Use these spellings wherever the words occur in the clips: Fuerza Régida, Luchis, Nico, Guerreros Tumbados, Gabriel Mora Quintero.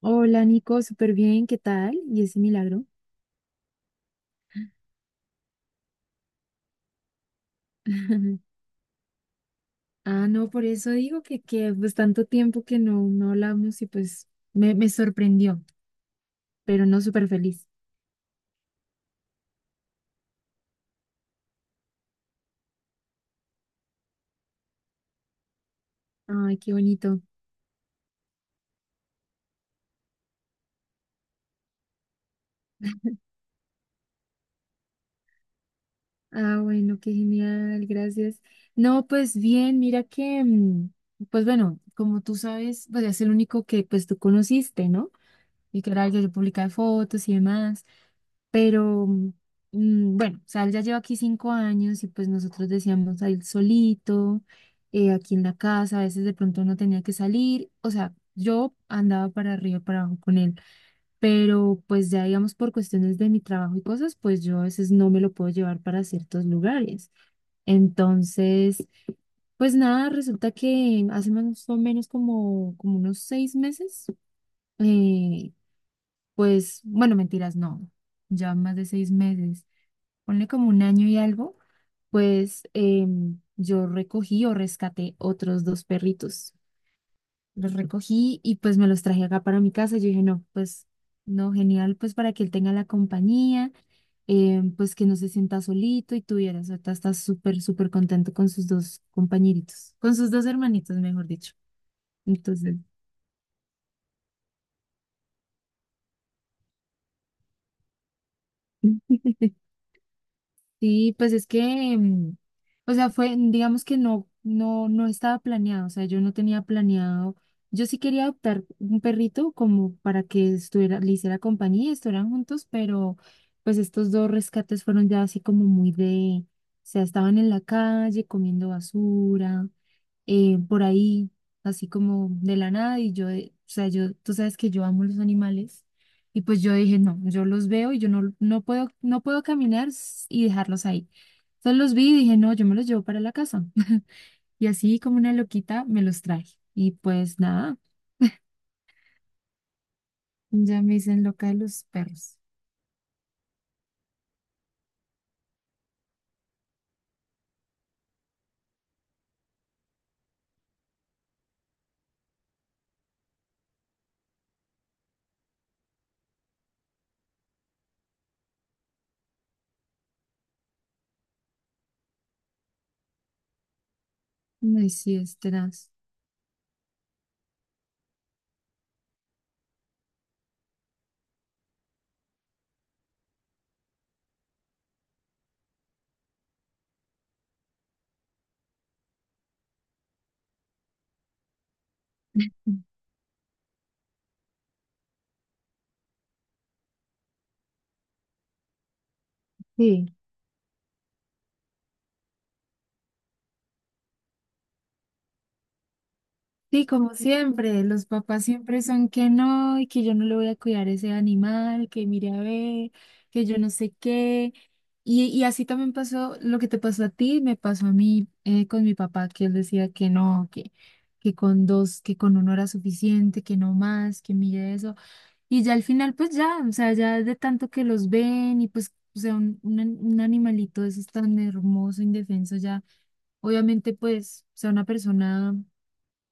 Hola Nico, súper bien, ¿qué tal? ¿Y ese milagro? Ah, no, por eso digo que pues tanto tiempo que no, no hablamos y pues me sorprendió, pero no súper feliz. Ay, qué bonito. Ah, bueno, qué genial, gracias. No, pues bien, mira que, pues bueno, como tú sabes, pues es el único que pues tú conociste, ¿no? Y literal, yo publicaba fotos y demás, pero bueno, o sea, él ya lleva aquí 5 años y pues nosotros decíamos a él solito, aquí en la casa, a veces de pronto no tenía que salir, o sea, yo andaba para arriba, para abajo con él, pero pues ya digamos por cuestiones de mi trabajo y cosas, pues yo a veces no me lo puedo llevar para ciertos lugares. Entonces, pues nada, resulta que hace más o menos como unos 6 meses, eh, pues, bueno, mentiras, no, ya más de 6 meses, ponle como un año y algo, pues yo recogí o rescaté otros dos perritos. Los recogí y pues me los traje acá para mi casa. Yo dije, no, pues, no, genial, pues para que él tenga la compañía, pues que no se sienta solito y tuviera, o sea, está súper, súper contento con sus dos compañeritos, con sus dos hermanitos, mejor dicho. Entonces, sí, pues es que, o sea, fue, digamos que no, no, no estaba planeado, o sea, yo no tenía planeado, yo sí quería adoptar un perrito como para que estuviera, le hiciera compañía, y estuvieran juntos, pero pues estos dos rescates fueron ya así como muy de, o sea, estaban en la calle comiendo basura, por ahí, así como de la nada, y yo, o sea, yo, tú sabes que yo amo los animales, y pues yo dije, no, yo los veo y yo no, no puedo, no puedo caminar y dejarlos ahí. Entonces los vi y dije, no, yo me los llevo para la casa. Y así como una loquita me los traje. Y pues nada, ya me dicen loca de los perros. No, y sí, es tenaz. Sí. Sí, como siempre, los papás siempre son que no, y que yo no le voy a cuidar ese animal, que mire a ver, que yo no sé qué. Y así también pasó lo que te pasó a ti, me pasó a mí con mi papá, que él decía que no, que, con dos, que con uno era suficiente, que no más, que mire eso. Y ya al final, pues ya, o sea, ya de tanto que los ven y pues, o sea, un animalito de esos tan hermoso, indefenso, ya, obviamente, pues, o sea, una persona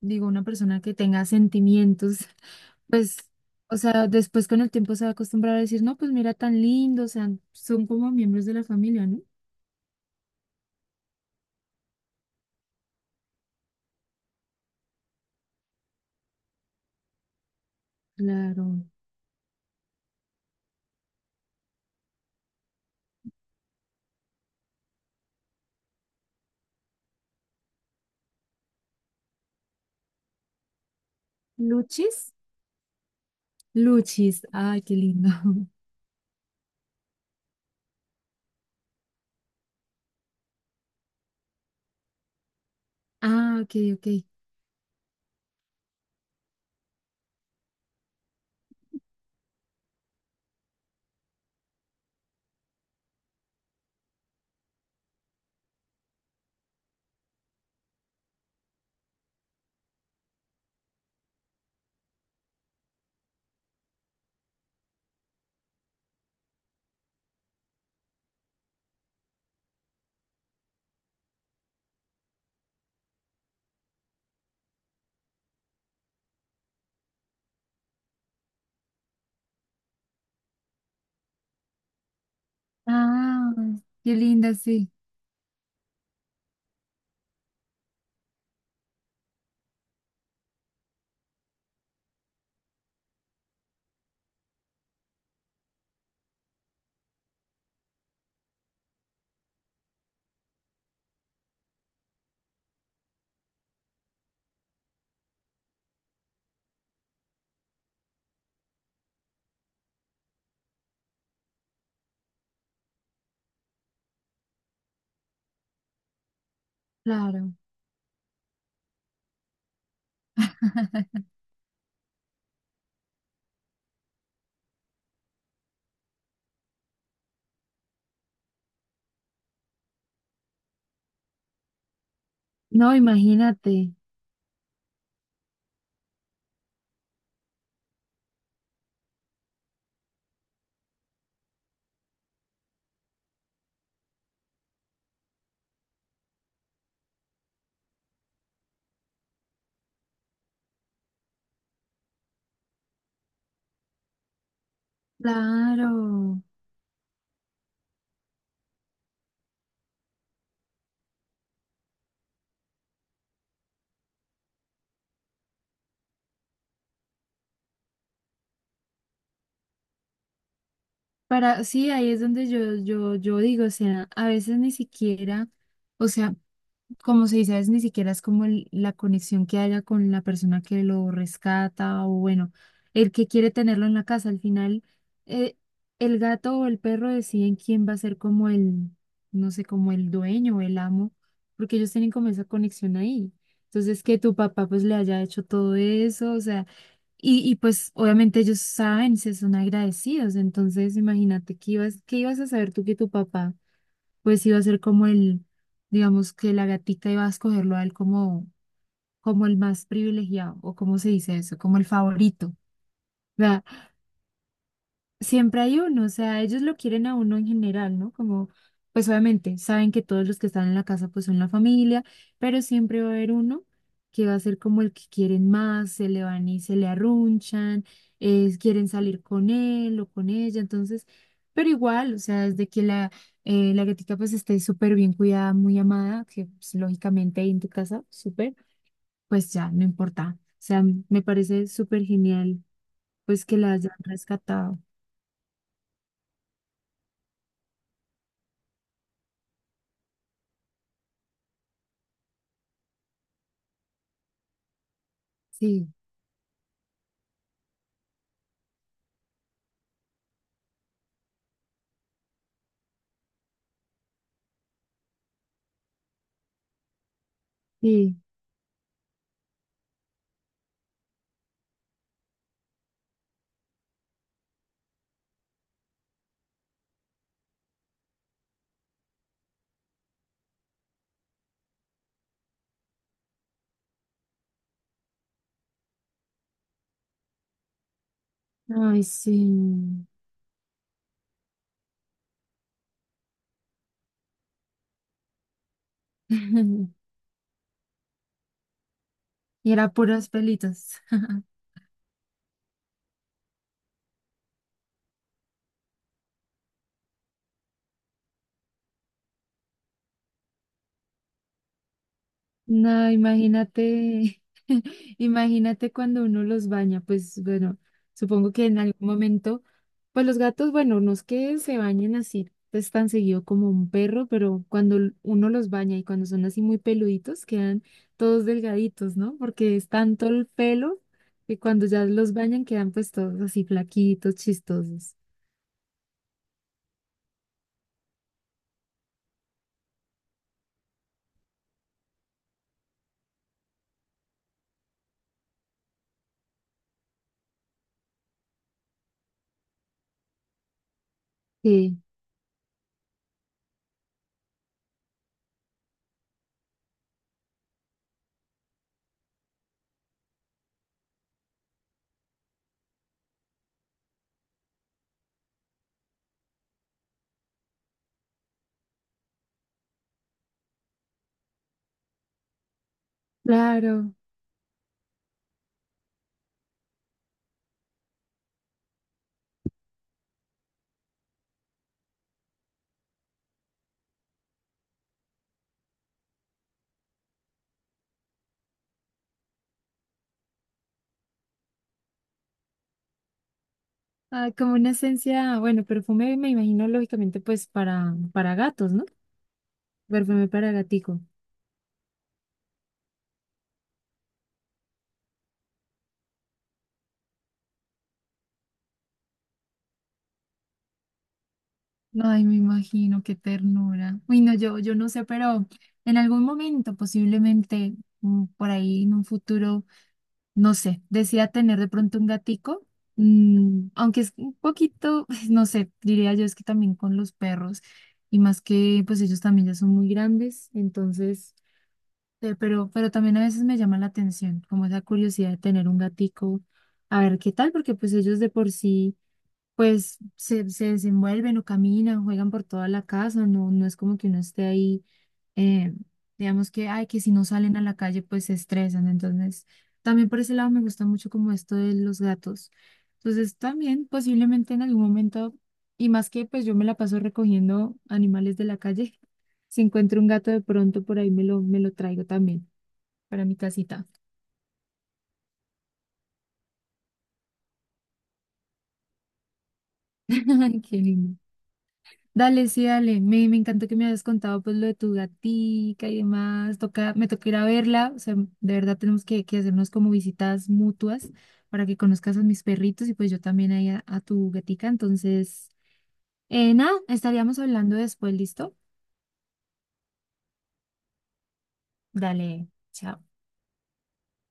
digo, una persona que tenga sentimientos, pues, o sea, después con el tiempo se va a acostumbrar a decir, no, pues mira, tan lindo, o sea, son como miembros de la familia, ¿no? Claro. ¿Luchis? Luchis, ay, qué lindo. Ah, ok, ok. Ah, qué linda, sí, claro. No, imagínate. Claro. Para, sí, ahí es donde yo, yo digo, o sea, a veces ni siquiera, o sea, como se dice, a veces ni siquiera es como la conexión que haya con la persona que lo rescata o bueno, el que quiere tenerlo en la casa. Al final, eh, el gato o el perro deciden quién va a ser como el, no sé, como el dueño o el amo, porque ellos tienen como esa conexión ahí. Entonces, que tu papá pues le haya hecho todo eso, o sea, y pues obviamente ellos saben, se son agradecidos. Entonces, imagínate, ¿qué ibas a saber tú que tu papá? Pues iba a ser como el, digamos que la gatica iba a escogerlo a él como, el más privilegiado, o como se dice eso, como el favorito. Siempre hay uno, o sea, ellos lo quieren a uno en general, ¿no? Como, pues obviamente, saben que todos los que están en la casa pues son la familia, pero siempre va a haber uno que va a ser como el que quieren más, se le van y se le arrunchan, quieren salir con él o con ella, entonces, pero igual, o sea, desde que la gatica pues esté súper bien cuidada, muy amada, que pues, lógicamente ahí en tu casa, súper, pues ya, no importa. O sea, me parece súper genial pues que la hayan rescatado. Sí. Sí, ay, sí. Y era puros pelitos. No, imagínate, imagínate cuando uno los baña, pues bueno, supongo que en algún momento, pues los gatos, bueno, no es que se bañen así, pues tan seguido como un perro, pero cuando uno los baña y cuando son así muy peluditos, quedan todos delgaditos, ¿no? Porque es tanto el pelo que cuando ya los bañan quedan pues todos así flaquitos, chistosos. Sí, claro. Ah, como una esencia, bueno, perfume me imagino lógicamente pues para gatos, ¿no? Perfume para gatico. Ay, me imagino, qué ternura. Uy, no, yo no sé, pero en algún momento, posiblemente por ahí en un futuro, no sé, decida tener de pronto un gatico, aunque es un poquito, no sé, diría yo, es que también con los perros, y más que pues ellos también ya son muy grandes, entonces. Pero también a veces me llama la atención, como esa curiosidad de tener un gatico, a ver qué tal, porque pues ellos de por sí pues se desenvuelven o caminan, juegan por toda la casa, no, no es como que uno esté ahí, eh, digamos que, ay, que si no salen a la calle, pues se estresan. Entonces, también por ese lado me gusta mucho como esto de los gatos. Entonces, también posiblemente en algún momento, y más que pues yo me la paso recogiendo animales de la calle, si encuentro un gato de pronto por ahí me lo traigo también para mi casita. Ay, qué lindo. Dale, sí, dale. Me encantó que me hayas contado pues lo de tu gatica y demás. Toca, me toca ir a verla. O sea, de verdad tenemos que hacernos como visitas mutuas para que conozcas a mis perritos y pues yo también ahí a tu gatica. Entonces, nada, estaríamos hablando después, ¿listo? Dale, chao.